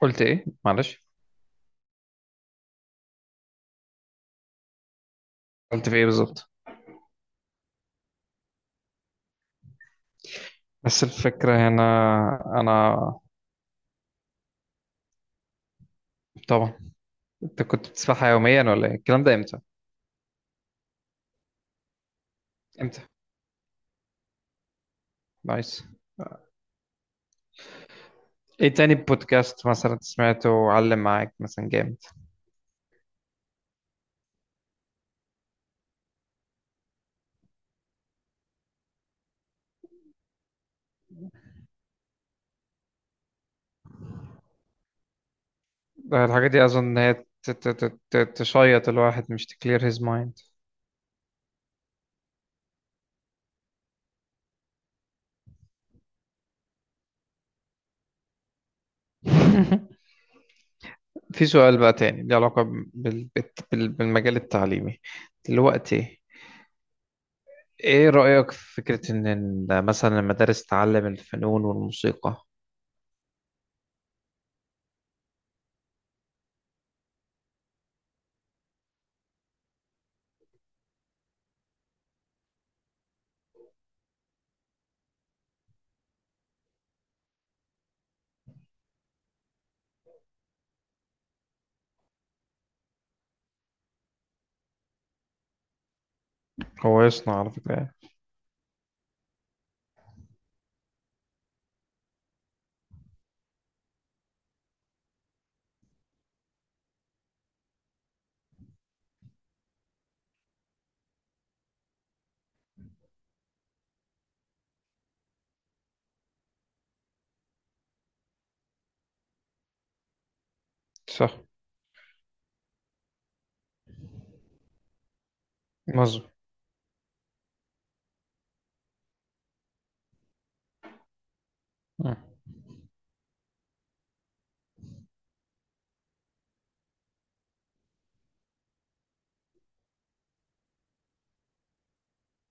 قلت ايه؟ معلش، قلت في ايه بالظبط؟ بس الفكرة هنا، انا طبعا. انت كنت بتسمعها يوميا ولا ايه؟ الكلام ده امتى؟ امتى؟ نايس. ايه تاني بودكاست مثلا سمعته وعلم معاك مثلا جامد؟ ده الحاجة دي اظن ان هي تشيط الواحد، مش تكلير هيز مايند. في سؤال بقى تاني ليه علاقة بالمجال التعليمي دلوقتي. ايه رأيك في فكرة ان مثلا المدارس تعلم الفنون والموسيقى؟ هو يصنع على فكرة يعني. صح، مظبوط. مم.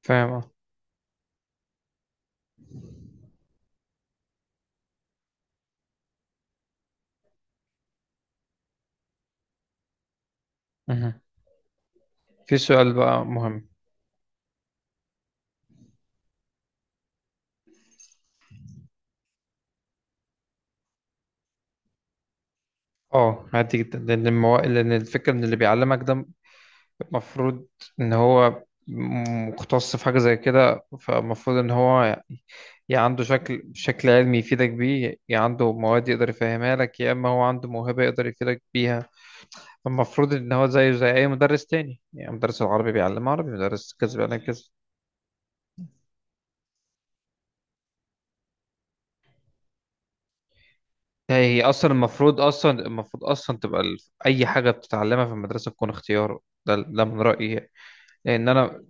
فاهم، اه. مهم. في سؤال بقى مهم. اه، عادي جدا لان الفكرة ان اللي بيعلمك ده المفروض ان هو مختص في حاجة زي كده، فالمفروض ان هو يعني يا عنده شكل شكل علمي يفيدك بيه، يا عنده مواد يقدر يفهمها لك، يا اما هو عنده موهبة يقدر يفيدك بيها. المفروض ان هو زيه زي اي مدرس تاني، يعني مدرس العربي بيعلم عربي، مدرس كذا بيعلم كذا. هي هي اصلا المفروض اصلا المفروض اصلا تبقى اي حاجه بتتعلمها في المدرسه تكون اختيار. ده من رايي يعني. لان انا.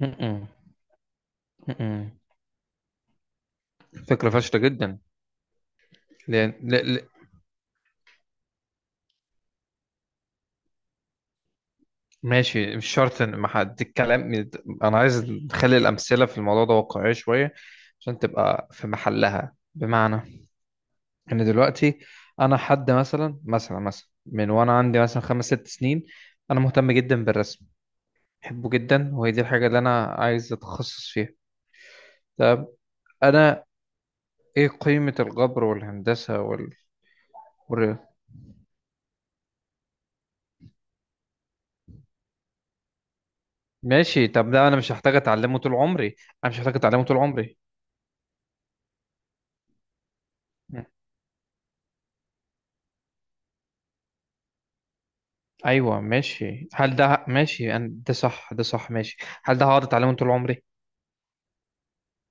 م-م. م-م. فكره فاشله جدا. لان ل... ل... ماشي، مش شرط ان ما حد الكلام. انا عايز نخلي الامثله في الموضوع ده واقعيه شويه عشان تبقى في محلها، بمعنى ان دلوقتي انا حد مثلا من وانا عندي مثلا 5 6 سنين، انا مهتم جدا بالرسم، بحبه جدا وهي دي الحاجه اللي انا عايز اتخصص فيها. طب انا، ايه قيمه الجبر والهندسه وال- ماشي؟ طب ده انا مش هحتاج اتعلمه طول عمري، انا مش هحتاج اتعلمه طول عمري. م. ايوه ماشي، هل ده ماشي؟ ده صح، ده صح ماشي. هل ده هقعد اتعلمه طول عمري؟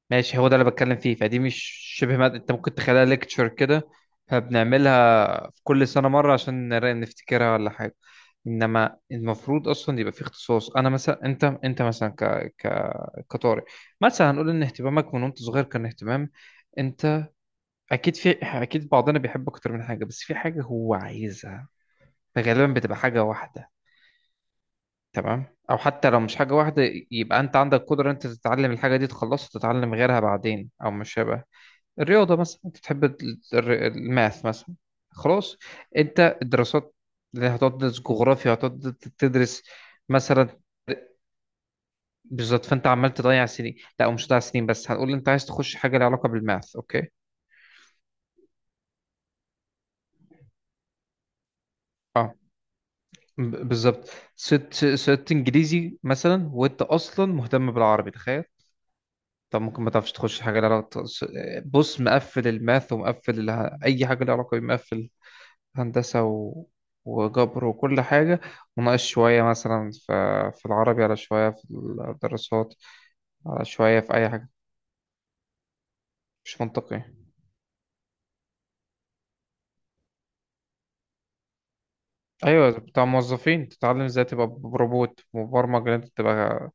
ماشي، هو ده اللي بتكلم فيه، فدي مش شبه مادة، انت ممكن تخليها ليكتشر كده، فبنعملها في كل سنة مرة عشان نفتكرها ولا حاجة. انما المفروض اصلا يبقى في اختصاص، انا مثلا، انت مثلا ك ك كطارئ مثلا، هنقول ان اهتمامك من وانت صغير كان اهتمام. انت اكيد في، اكيد بعضنا بيحب اكتر من حاجة، بس في حاجة هو عايزها، فغالبا بتبقى حاجة واحدة، تمام؟ او حتى لو مش حاجة واحدة، يبقى انت عندك قدرة انت تتعلم الحاجة دي تخلصها، تتعلم غيرها بعدين. او مش شبه الرياضة، مثلا انت بتحب الماث مثلا، خلاص. انت الدراسات اللي هتقعد تدرس جغرافيا، هتقعد تدرس مثلا. بالظبط، فانت عمال تضيع سنين، لا مش هتضيع سنين، بس هنقول انت عايز تخش حاجة لها علاقة بالماث، اوكي. اه، بالظبط. ست ست انجليزي مثلا وانت اصلا مهتم بالعربي، تخيل. طب ممكن ما تعرفش تخش حاجة لها علاقة. بص، مقفل الماث ومقفل اي حاجة لها علاقة بمقفل هندسة و... وجبر وكل حاجة، وناقص شوية مثلا في... في العربي، على شوية في الدراسات، على شوية في أي حاجة. مش منطقي. أيوة، بتاع موظفين تتعلم ازاي تبقى روبوت مبرمج إن أنت تبقى.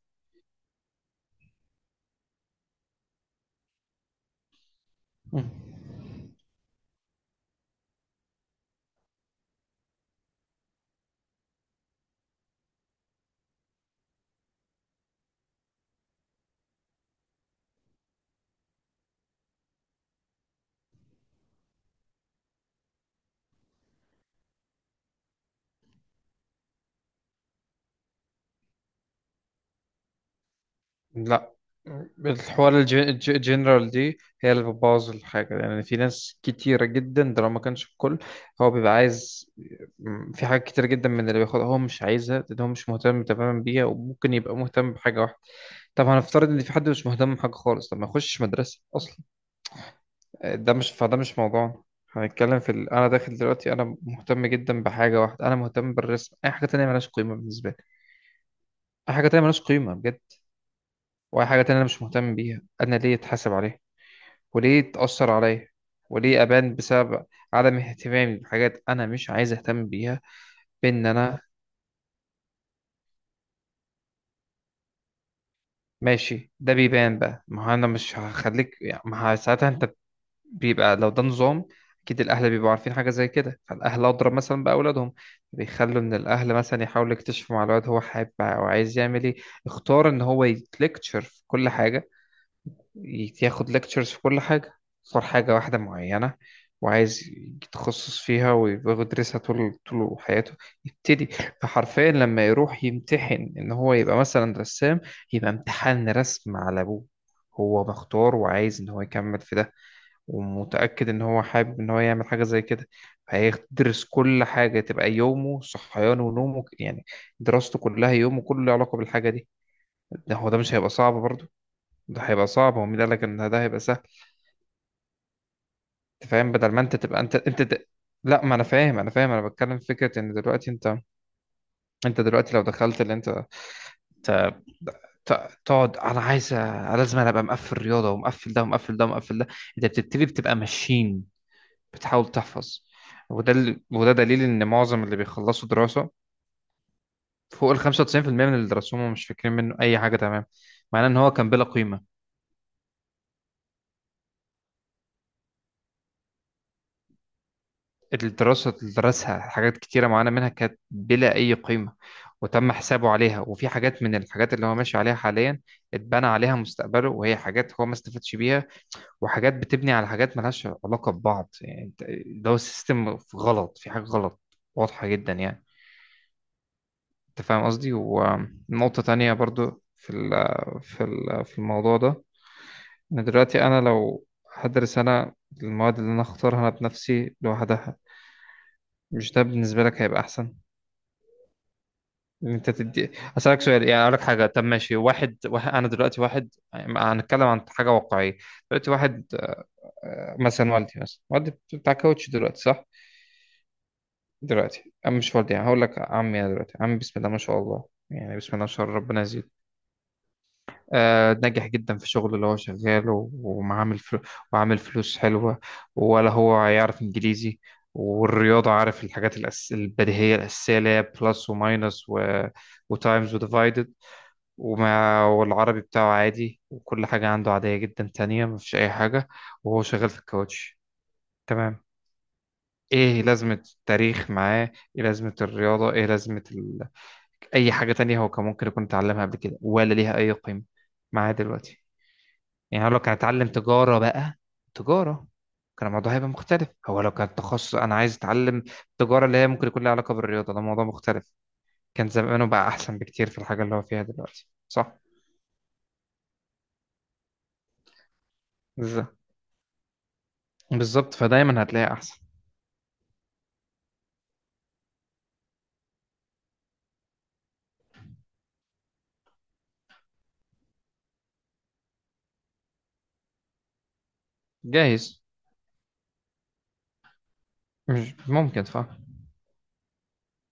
لا، الحوار الجنرال دي هي اللي بتبوظ الحاجة، يعني في ناس كتيرة جدا، ده لو ما كانش الكل، هو بيبقى عايز. في حاجات كتير جدا من اللي بياخدها هو مش عايزها، لأن هو مش مهتم تماما بيها، وممكن يبقى مهتم بحاجة واحدة. طب هنفترض ان في حد مش مهتم بحاجه خالص، طب ما يخشش مدرسه اصلا. ده مش، فده مش موضوع. هنتكلم في ال... انا داخل دلوقتي انا مهتم جدا بحاجه واحده، انا مهتم بالرسم، اي حاجه تانية ملهاش قيمه بالنسبه لي، اي حاجه تانية ملهاش قيمه بجد، واي حاجه تانية انا مش مهتم بيها. انا ليه اتحاسب عليها؟ وليه اتاثر عليا؟ وليه ابان بسبب عدم اهتمامي بحاجات انا مش عايز اهتم بيها؟ بان انا. ماشي، ده بيبان بقى، ما هو انا مش هخليك يعني، ما ه- ساعتها انت بيبقى، لو ده نظام اكيد الاهل بيبقوا عارفين حاجه زي كده، فالاهل اضرب مثلا باولادهم، بيخلوا ان الاهل مثلا يحاولوا يكتشفوا مع الولد هو حابب او عايز يعمل ايه. اختار ان هو يتلكتشر في كل حاجه، ياخد ليكتشرز في كل حاجه، اختار حاجه واحده معينه وعايز يتخصص فيها ويدرسها طول طول حياته. يبتدي فحرفيا لما يروح يمتحن ان هو يبقى مثلا رسام، يبقى امتحان رسم على ابوه، هو مختار وعايز ان هو يكمل في ده، ومتأكد إن هو حابب إن هو يعمل حاجة زي كده، فهيدرس كل حاجة، تبقى يومه صحيانه ونومه يعني، دراسته كلها، يومه كله له علاقة بالحاجة دي. ده هو، ده مش هيبقى صعب برضه؟ ده هيبقى صعب، هو مين قالك إن ده هيبقى سهل؟ أنت فاهم، بدل ما أنت تبقى أنت لا، ما أنا فاهم، أنا فاهم، أنا بتكلم في فكرة إن دلوقتي أنت، أنت دلوقتي لو دخلت اللي أنت ت- ت- تقعد، انا عايز لازم انا ابقى مقفل رياضه ومقفل ده ومقفل ده ومقفل ده، انت بتبتدي بتبقى ماشين، بتحاول تحفظ. وده ال... وده دليل ان معظم اللي بيخلصوا دراسه فوق ال 95% من اللي درسوهم هم مش فاكرين منه اي حاجه، تمام؟ معناه ان هو كان بلا قيمه. الدراسه اللي درسها حاجات كتيره معانا منها كانت بلا اي قيمه وتم حسابه عليها، وفي حاجات من الحاجات اللي هو ماشي عليها حاليا اتبنى عليها مستقبله، وهي حاجات هو ما استفادش بيها، وحاجات بتبني على حاجات ملهاش علاقه ببعض يعني. ده هو سيستم غلط، في حاجه غلط واضحه جدا يعني. انت فاهم قصدي؟ ونقطة تانية برضو في في الموضوع ده، ان دلوقتي انا لو هدرس انا المواد اللي انا اختارها انا بنفسي لوحدها، مش ده بالنسبة لك هيبقى احسن؟ ان انت تدي، اسالك سؤال يعني، اقول لك حاجة. طب ماشي واحد انا دلوقتي واحد، هنتكلم عن حاجة واقعية. دلوقتي واحد، مثلا والدي، مثلا والدي بتاع كاوتش دلوقتي، صح؟ دلوقتي، أم مش والدي يعني، هقول لك عمي، انا دلوقتي عمي بسم الله ما شاء الله، يعني بسم الله ما شاء الله ربنا يزيد، ناجح جدا في شغله اللي هو شغاله، وعامل فلوس حلوة. ولا هو يعرف إنجليزي، والرياضة عارف الحاجات البديهية الأساسية اللي هي بلس وماينس و... وتايمز وديفايدد، والعربي بتاعه عادي، وكل حاجة عنده عادية جدا تانية، مفيش أي حاجة، وهو شغال في الكاوتش، تمام. ايه لازمة التاريخ معاه؟ ايه لازمة الرياضة؟ ايه لازمة ال... اي حاجة تانية هو كان ممكن يكون اتعلمها قبل كده، ولا ليها اي قيمة معاه دلوقتي؟ يعني هو لو كان اتعلم تجارة بقى، تجارة، كان الموضوع هيبقى مختلف. هو لو كان تخصص أنا عايز أتعلم تجارة اللي هي ممكن يكون لها علاقة بالرياضة، ده موضوع مختلف، كان زمانه بقى أحسن بكتير في الحاجة اللي هو فيها دلوقتي، صح. بالظبط بالظبط، فدايما هتلاقي أحسن. جايز، مش ممكن، صح.